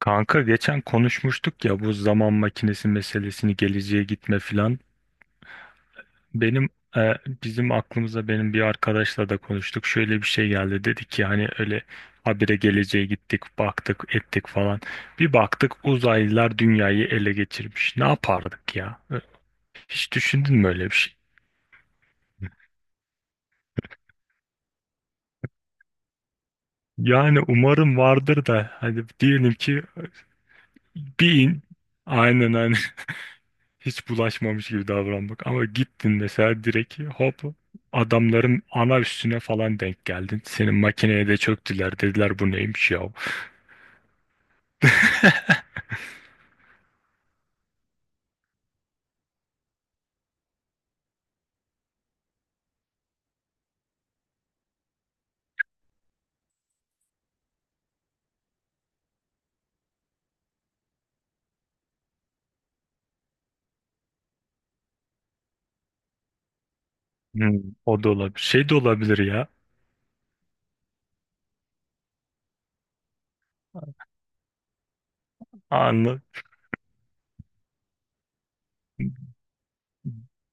Kanka geçen konuşmuştuk ya bu zaman makinesi meselesini geleceğe gitme filan. Benim e, bizim aklımıza benim bir arkadaşla da konuştuk. Şöyle bir şey geldi. Dedi ki hani öyle habire geleceğe gittik, baktık, ettik falan. Bir baktık uzaylılar dünyayı ele geçirmiş. Ne yapardık ya? Hiç düşündün mü öyle bir şey? Yani umarım vardır da hadi diyelim ki bir in. Aynen aynen, hiç bulaşmamış gibi davranmak. Ama gittin mesela direkt hop adamların ana üstüne falan denk geldin. Senin makineye de çöktüler dediler bu neymiş ya. Hmm, o da olabilir. Şey de olabilir ya. Anla.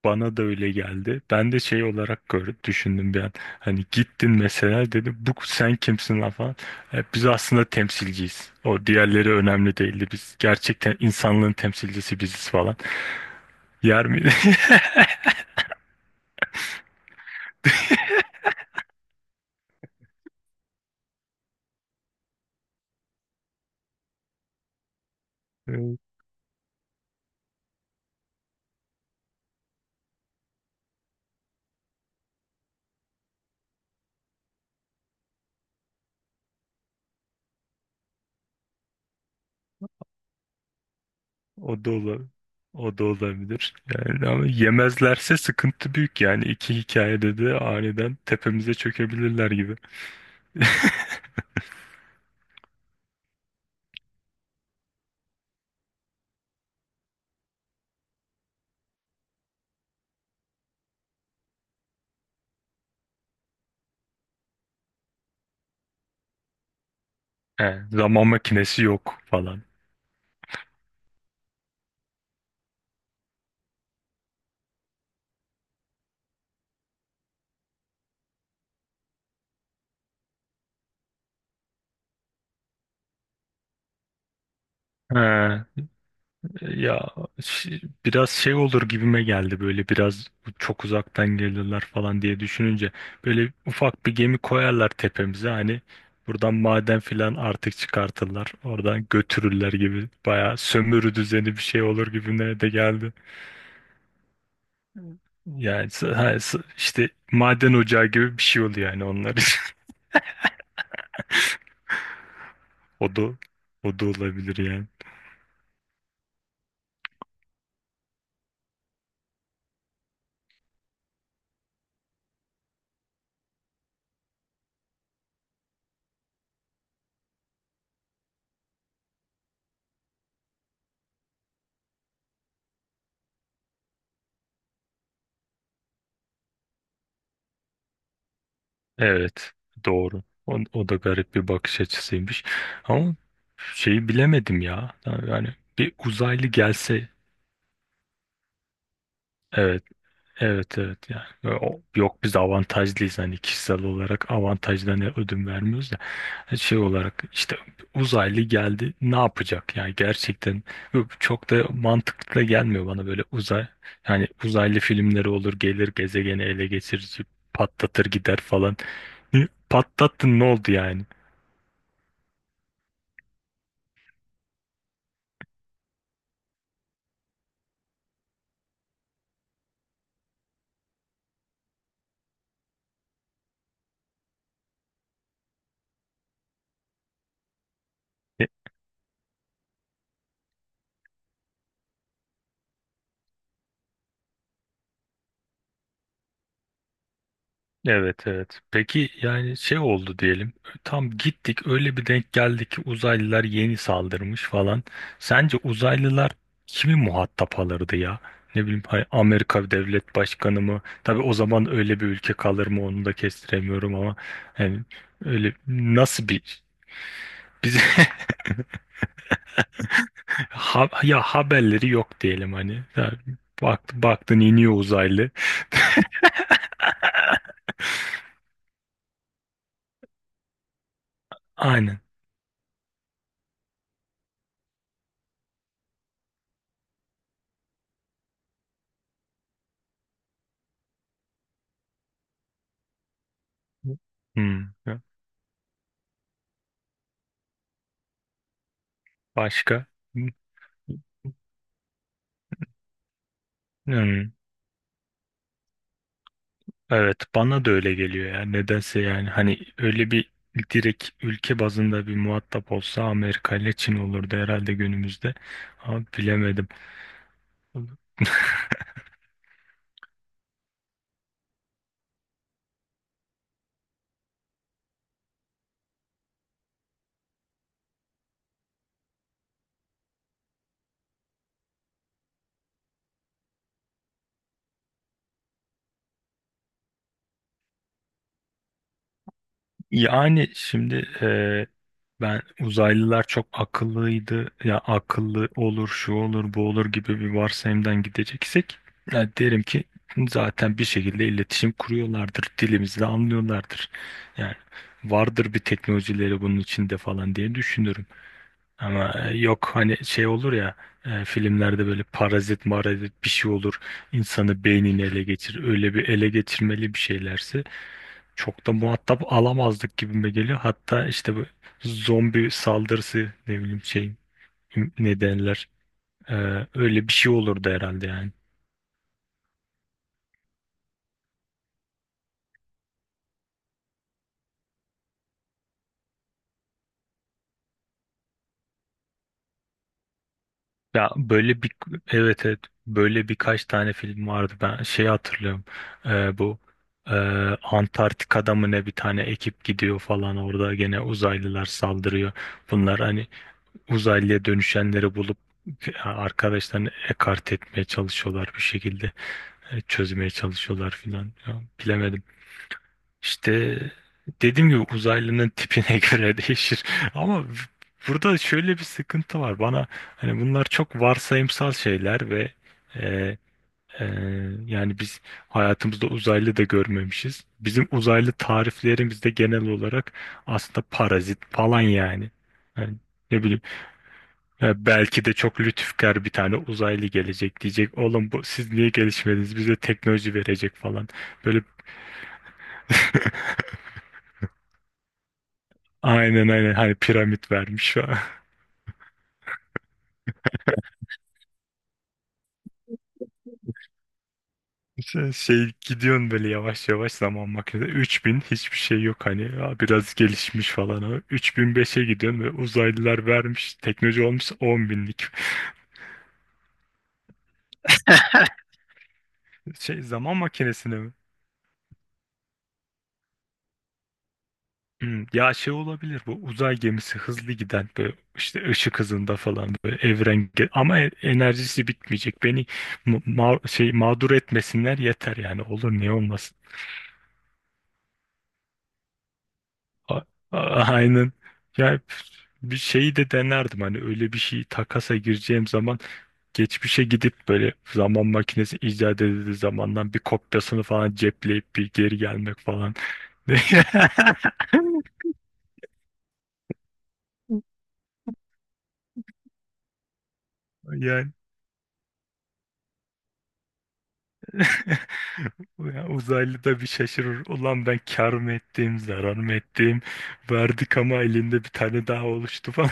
Bana da öyle geldi. Ben de şey olarak görüp düşündüm bir an. Hani gittin mesela dedi bu sen kimsin lan falan. Biz aslında temsilciyiz. O diğerleri önemli değildi. Biz gerçekten insanlığın temsilcisi biziz falan. Yer miydi? O da ola- O da olabilir. Yani ama yemezlerse sıkıntı büyük yani. İki hikayede de aniden tepemize çökebilirler gibi. He, zaman makinesi yok falan. He, ya biraz şey olur gibime geldi böyle biraz çok uzaktan gelirler falan diye düşününce böyle ufak bir gemi koyarlar tepemize hani buradan maden filan artık çıkartırlar oradan götürürler gibi bayağı sömürü düzeni bir şey olur gibime de geldi. Yani ha, işte maden ocağı gibi bir şey oluyor yani onlar için. O da o da olabilir yani. Evet, doğru. O, o da garip bir bakış açısıymış. Ama şeyi bilemedim ya. Yani bir uzaylı gelse evet. Evet, evet, yani yok biz avantajlıyız hani kişisel olarak avantajdan ödün vermiyoruz da. Şey olarak işte uzaylı geldi ne yapacak yani gerçekten çok da mantıklı da gelmiyor bana böyle uzay, yani uzaylı filmleri olur gelir gezegeni ele geçirir patlatır gider falan. Hı, patlattın ne oldu yani. Evet, evet. Peki yani şey oldu diyelim. Tam gittik öyle bir denk geldi ki uzaylılar yeni saldırmış falan. Sence uzaylılar kimi muhatap alırdı ya? Ne bileyim Amerika Devlet Başkanı mı? Tabii o zaman öyle bir ülke kalır mı onu da kestiremiyorum ama yani öyle nasıl bir bize. Ya haberleri yok diyelim hani. Ya baktın iniyor uzaylı. Aynen. Hmm. Başka? Hmm. Evet, bana da öyle geliyor ya nedense yani hani öyle bir direkt ülke bazında bir muhatap olsa Amerika ile Çin olurdu herhalde günümüzde ama bilemedim. Yani şimdi, e, ben uzaylılar çok akıllıydı ya akıllı olur şu olur bu olur gibi bir varsayımdan gideceksek ya derim ki zaten bir şekilde iletişim kuruyorlardır dilimizi de anlıyorlardır yani vardır bir teknolojileri bunun içinde falan diye düşünürüm. Ama yok hani şey olur ya, filmlerde böyle parazit marazit bir şey olur insanı beynini ele geçir öyle bir ele geçirmeli bir şeylerse çok da muhatap alamazdık gibime geliyor, hatta işte bu zombi saldırısı ne bileyim şey ne derler, e, öyle bir şey olurdu herhalde yani. Ya böyle bir evet, evet, böyle birkaç tane film vardı ben şey hatırlıyorum. Bu e, Antarktika'da mı ne bir tane ekip gidiyor falan orada gene uzaylılar saldırıyor, bunlar hani uzaylıya dönüşenleri bulup arkadaşlarını ekart etmeye çalışıyorlar bir şekilde, çözmeye çalışıyorlar filan. Ya bilemedim işte dediğim gibi uzaylının tipine göre değişir. Ama burada şöyle bir sıkıntı var. Bana hani bunlar çok varsayımsal şeyler ve e, e, yani biz hayatımızda uzaylı da görmemişiz. Bizim uzaylı tariflerimiz de genel olarak aslında parazit falan yani. Yani ne bileyim, ya belki de çok lütufkar bir tane uzaylı gelecek, diyecek oğlum bu siz niye gelişmediniz? Bize teknoloji verecek falan. Böyle, aynen aynen, hani piramit vermiş. Şey, gidiyorsun böyle yavaş yavaş zaman makinesi 3000 hiçbir şey yok hani ya biraz gelişmiş falan ama 3005'e gidiyorsun ve uzaylılar vermiş teknoloji olmuş 10 binlik. Şey zaman makinesine mi? Ya şey olabilir bu uzay gemisi hızlı giden böyle işte ışık hızında falan böyle evren ama enerjisi bitmeyecek beni şey mağdur etmesinler yeter, yani olur niye olmasın. A- a- Aynen. Ya bir şeyi de denerdim hani, öyle bir şey takasa gireceğim zaman geçmişe gidip böyle zaman makinesi icat edildiği zamandan bir kopyasını falan cepleyip bir geri gelmek falan. Yani ya uzaylı da bir şaşırır. Ulan ben kar mı ettim, zarar mı ettim? Verdik ama elinde bir tane daha oluştu falan.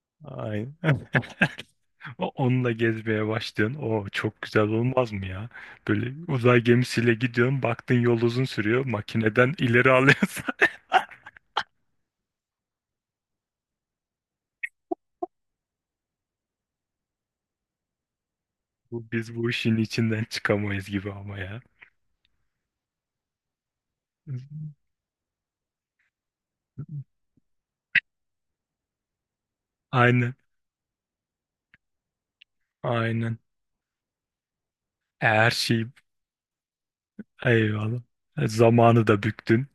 Aynen. Onunla gezmeye başlıyorsun. O çok güzel olmaz mı ya? Böyle uzay gemisiyle gidiyorsun. Baktın yol uzun sürüyor. Makineden ileri alıyorsun. Biz bu işin içinden çıkamayız gibi ama ya. Aynen. Aynen. Her şey eyvallah. Zamanı da büktün.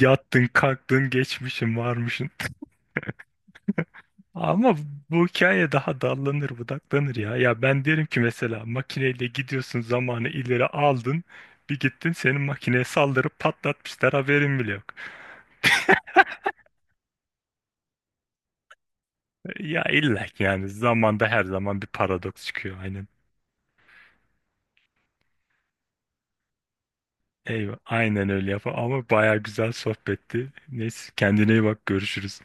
Yattın, kalktın, geçmişin varmışın. Ama bu hikaye daha dallanır budaklanır ya. Ya ben derim ki mesela makineyle gidiyorsun zamanı ileri aldın. Bir gittin senin makineye saldırıp patlatmışlar haberin bile yok. Ya illa ki yani zamanda her zaman bir paradoks çıkıyor aynen. Eyvah, aynen öyle yapar ama baya güzel sohbetti. Neyse kendine iyi bak, görüşürüz.